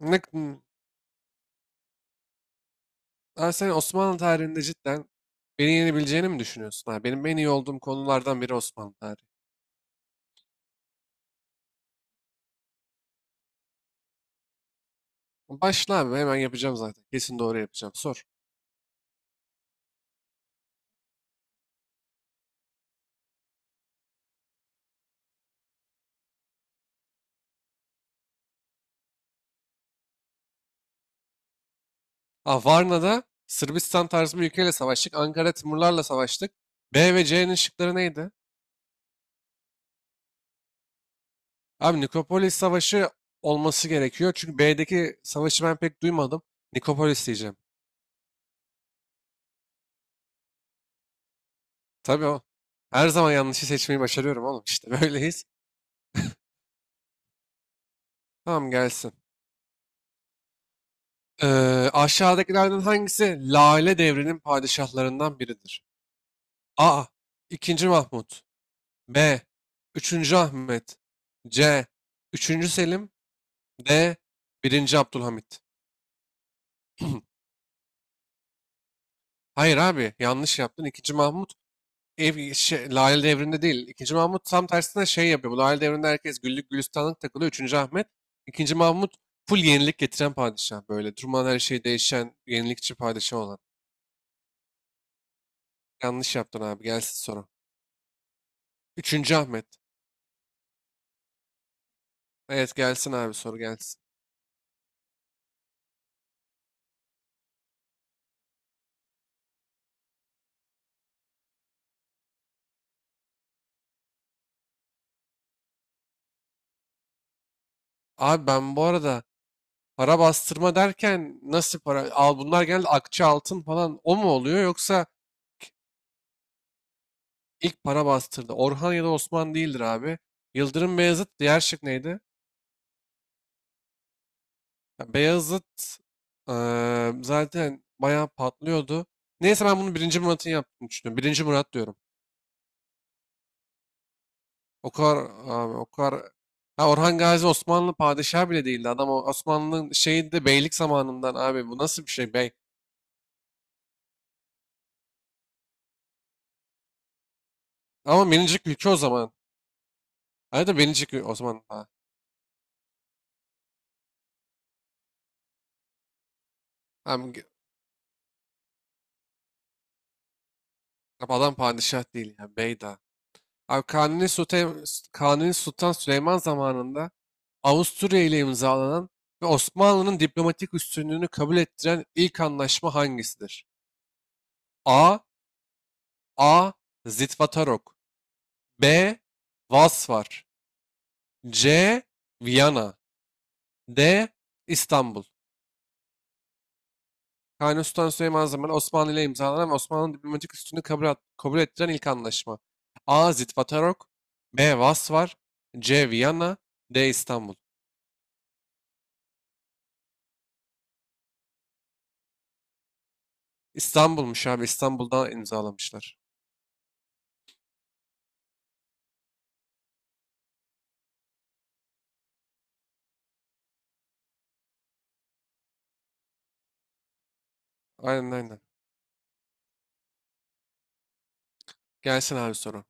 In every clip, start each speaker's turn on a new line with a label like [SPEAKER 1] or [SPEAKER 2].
[SPEAKER 1] Ne, ha, sen Osmanlı tarihinde cidden beni yenebileceğini mi düşünüyorsun? Ha, benim en iyi olduğum konulardan biri Osmanlı tarihi. Başla abi, hemen yapacağım zaten. Kesin doğru yapacağım. Sor. Ha, Varna'da Sırbistan tarzı bir ülkeyle savaştık. Ankara Timurlarla savaştık. B ve C'nin şıkları neydi? Abi Nikopolis Savaşı olması gerekiyor. Çünkü B'deki savaşı ben pek duymadım. Nikopolis diyeceğim. Tabii o. Her zaman yanlışı seçmeyi başarıyorum oğlum. İşte böyleyiz. Tamam, gelsin. Aşağıdakilerden hangisi Lale devrinin padişahlarından biridir? A. II. Mahmut. B. Üçüncü Ahmet. C. Üçüncü Selim. D. Birinci Abdülhamit. Hayır abi, yanlış yaptın. II. Mahmut Lale devrinde değil. II. Mahmut tam tersine şey yapıyor. Bu Lale devrinde herkes güllük gülistanlık takılıyor. Üçüncü Ahmet, II. Mahmut full yenilik getiren padişah. Böyle durmadan her şey değişen yenilikçi padişah olan. Yanlış yaptın abi, gelsin sonra. Üçüncü Ahmet. Evet, gelsin abi, soru gelsin. Abi, ben bu arada para bastırma derken nasıl para? Al, bunlar genelde akçe altın falan o mu oluyor, yoksa ilk para bastırdı. Orhan ya da Osman değildir abi. Yıldırım Beyazıt. Diğer şık neydi? Ya Beyazıt zaten bayağı patlıyordu. Neyse, ben bunu birinci Murat'ın yaptığını düşünüyorum. Birinci Murat diyorum. O kadar abi o kadar Ha, Orhan Gazi Osmanlı padişahı bile değildi. Adam, o Osmanlı'nın şeyi de beylik zamanından. Abi, bu nasıl bir şey? Bey. Ama minicik ülke o zaman. Hayır da minicik ül- o zaman. Ha. Hem ge- adam padişah değil yani, bey daha. Abi Kanuni Sultan, Kanuni Sultan Süleyman zamanında Avusturya ile imzalanan ve Osmanlı'nın diplomatik üstünlüğünü kabul ettiren ilk anlaşma hangisidir? A. A. Zitvatarok. B. Vasvar. C. Viyana. D. İstanbul. Kanuni Sultan Süleyman zamanı Osmanlı ile imzalanan ve Osmanlı'nın diplomatik üstünlüğünü kabul ettiren ilk anlaşma. A. Zitvatarok. B. Vasvar. C. Viyana. D. İstanbul. İstanbul'muş abi. İstanbul'da imzalamışlar. Aynen, aynen. Gelsin abi soru.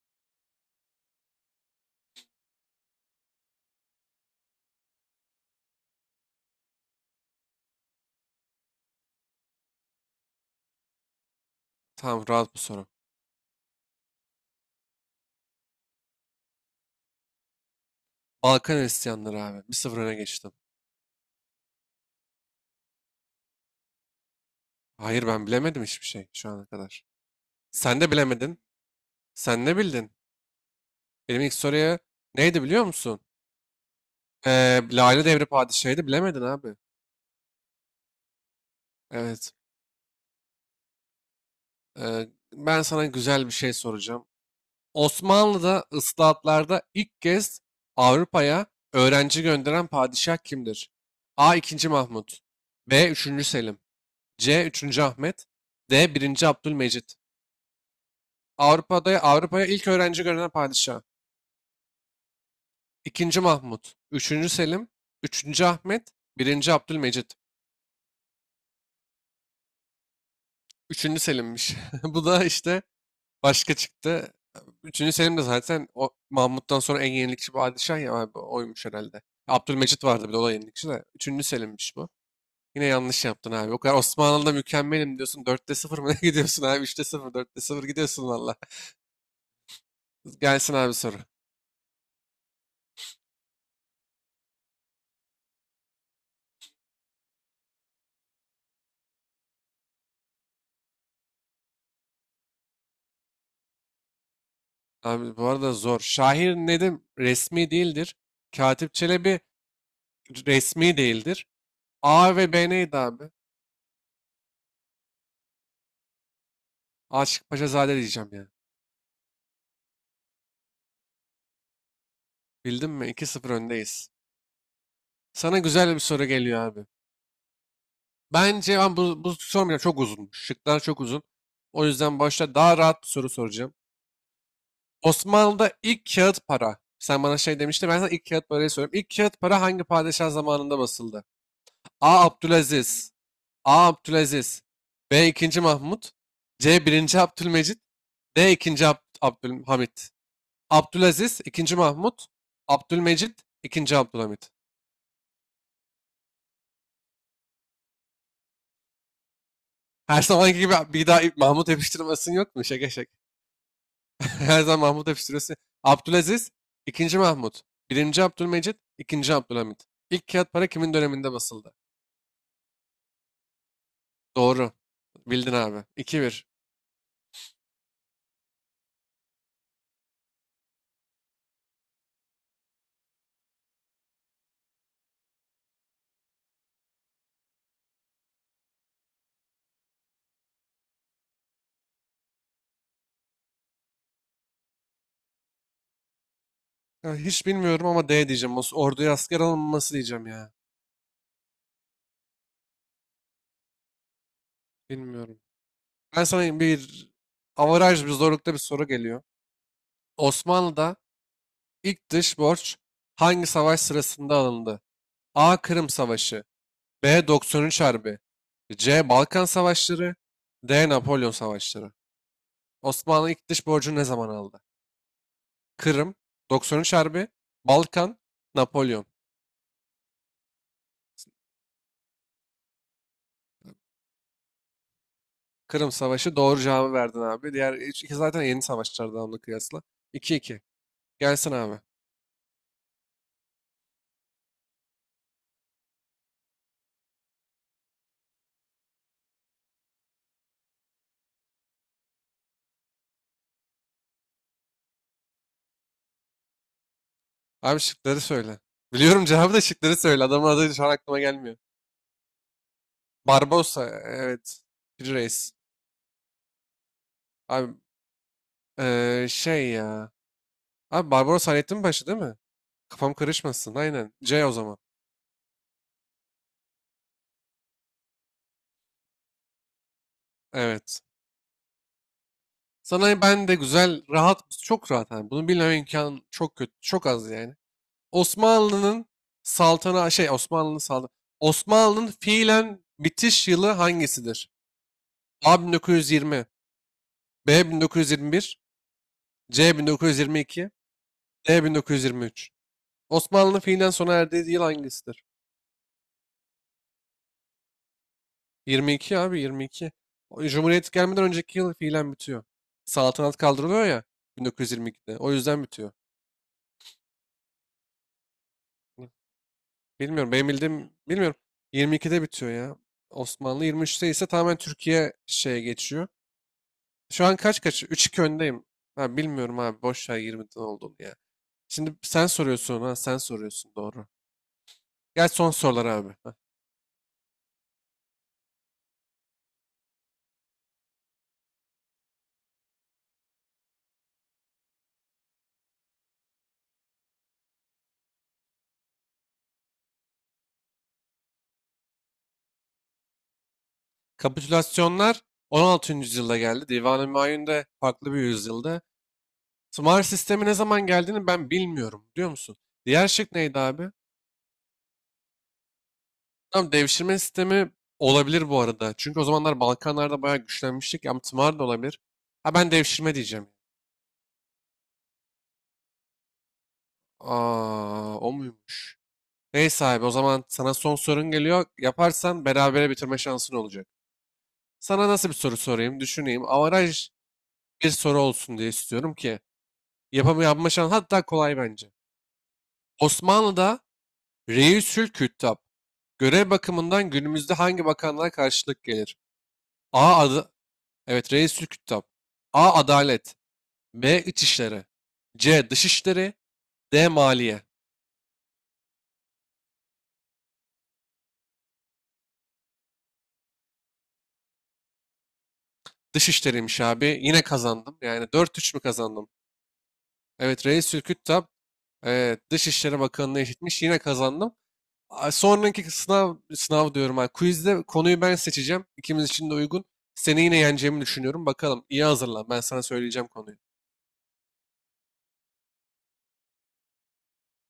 [SPEAKER 1] Tamam, rahat bu soru. Balkan Hristiyanları abi. Bir sıfır öne geçtim. Hayır, ben bilemedim hiçbir şey şu ana kadar. Sen de bilemedin. Sen ne bildin? Benim ilk soruya neydi, biliyor musun? Lale Devri Padişahı'ydı, bilemedin abi. Evet. Ee, ben sana güzel bir şey soracağım. Osmanlı'da ıslahatlarda ilk kez Avrupa'ya öğrenci gönderen padişah kimdir? A. II. Mahmut. B. Üçüncü Selim. C. Üçüncü Ahmet. D. Birinci Abdülmecit. Avrupa'ya ilk öğrenci gönderen padişah. II. Mahmut, Üçüncü Selim, Üçüncü Ahmet, Birinci Abdülmecit. Üçüncü Selim'miş. Bu da işte başka çıktı. Üçüncü Selim de zaten o Mahmut'tan sonra en yenilikçi padişah ya abi, oymuş herhalde. Abdülmecit vardı bir de, o da yenilikçi de. Üçüncü Selim'miş bu. Yine yanlış yaptın abi. O kadar Osmanlı'da mükemmelim diyorsun. Dörtte sıfır mı ne gidiyorsun abi? Üçte sıfır, dörtte sıfır gidiyorsun valla. Gelsin abi soru. Abi, bu arada zor. Şair Nedim resmi değildir. Katip Çelebi resmi değildir. A ve B neydi abi? Aşık Paşazade diyeceğim ya. Bildin mi? 2 sıfır öndeyiz. Sana güzel bir soru geliyor abi. Bence ben bu sormayacağım. Çok uzun. Şıklar çok uzun. O yüzden başta daha rahat bir soru soracağım. Osmanlı'da ilk kağıt para. Sen bana şey demiştin. Ben sana ilk kağıt parayı soruyorum. İlk kağıt para hangi padişah zamanında basıldı? A. Abdülaziz. A. Abdülaziz. B. II. Mahmut. C. Birinci Abdülmecit. D. II. Abdülhamit. Abdülaziz, II. Mahmut. Abdülmecit, II. Abdülhamit. Her zamanki gibi bir daha Mahmut yapıştırmasın yok mu? Şaka şaka. Her zaman Mahmut hep. Abdülaziz, ikinci Mahmut. Birinci Abdülmecit, ikinci Abdülhamit. İlk kağıt para kimin döneminde basıldı? Doğru. Bildin abi. 2 bir. Ya hiç bilmiyorum ama D diyeceğim. Os- orduya asker alınması diyeceğim ya. Bilmiyorum. Ben sana bir avaraj bir zorlukta bir soru geliyor. Osmanlı'da ilk dış borç hangi savaş sırasında alındı? A. Kırım Savaşı. B. 93 Harbi. C. Balkan Savaşları. D. Napolyon Savaşları. Osmanlı ilk dış borcunu ne zaman aldı? Kırım, 93 Harbi, Balkan, Napolyon. Kırım Savaşı, doğru cevabı verdin abi. Diğer iki zaten yeni savaşlardan, onunla kıyasla. İki iki. Gelsin abi. Abi şıkları söyle. Biliyorum cevabı, da şıkları söyle. Adamın adı şu an aklıma gelmiyor. Barbosa. Evet. Free Reis. Abi eee, şey ya. Abi Barbaros Hayrettin Paşa değil mi? Kafam karışmasın. Aynen. C o zaman. Evet. Sana ben de güzel, rahat, çok rahat. Yani. Bunu bilmem imkan çok kötü, çok az yani. Osmanlı'nın Osmanlı'nın saltanatı. Osmanlı'nın fiilen bitiş yılı hangisidir? A 1920, B 1921, C 1922, D 1923. Osmanlı'nın fiilen sona erdiği yıl hangisidir? 22 abi, 22. O Cumhuriyet gelmeden önceki yıl fiilen bitiyor. Saltanat kaldırılıyor ya 1922'de. O yüzden bitiyor. Bilmiyorum. Benim bildiğim, bilmiyorum. 22'de bitiyor ya. Osmanlı 23'te ise tamamen Türkiye şeye geçiyor. Şu an kaç kaç? 3-2 öndeyim. Ha, bilmiyorum abi. Boş ver 20'den olduğunu ya. Şimdi sen soruyorsun ha. Sen soruyorsun, doğru. Gel son sorular abi. Ha. Kapitülasyonlar 16. yüzyılda geldi. Divan-ı Mayun da farklı bir yüzyılda. Tımar sistemi ne zaman geldiğini ben bilmiyorum. Biliyor musun? Diğer şık neydi abi? Tamam, devşirme sistemi olabilir bu arada. Çünkü o zamanlar Balkanlarda bayağı güçlenmiştik. Ama tımar da olabilir. Ha, ben devşirme diyeceğim. Aa, o muymuş? Neyse abi, o zaman sana son sorun geliyor. Yaparsan berabere bitirme şansın olacak. Sana nasıl bir soru sorayım? Düşüneyim. Avaraj bir soru olsun diye istiyorum ki. Yapma şansı, hatta kolay bence. Osmanlı'da Reisül Küttab görev bakımından günümüzde hangi bakanlığa karşılık gelir? A adı, evet, Reisül Küttab. A. Adalet. B. İçişleri. C. Dışişleri. D. Maliye. Dışişleriymiş abi. Yine kazandım. Yani dört üç mü kazandım? Evet, Reis Ülküttab Dışişleri Bakanlığı eşitmiş. Yine kazandım. Sonraki sınav diyorum. Ha. Quizde konuyu ben seçeceğim. İkimiz için de uygun. Seni yine yeneceğimi düşünüyorum. Bakalım, iyi hazırlan. Ben sana söyleyeceğim konuyu.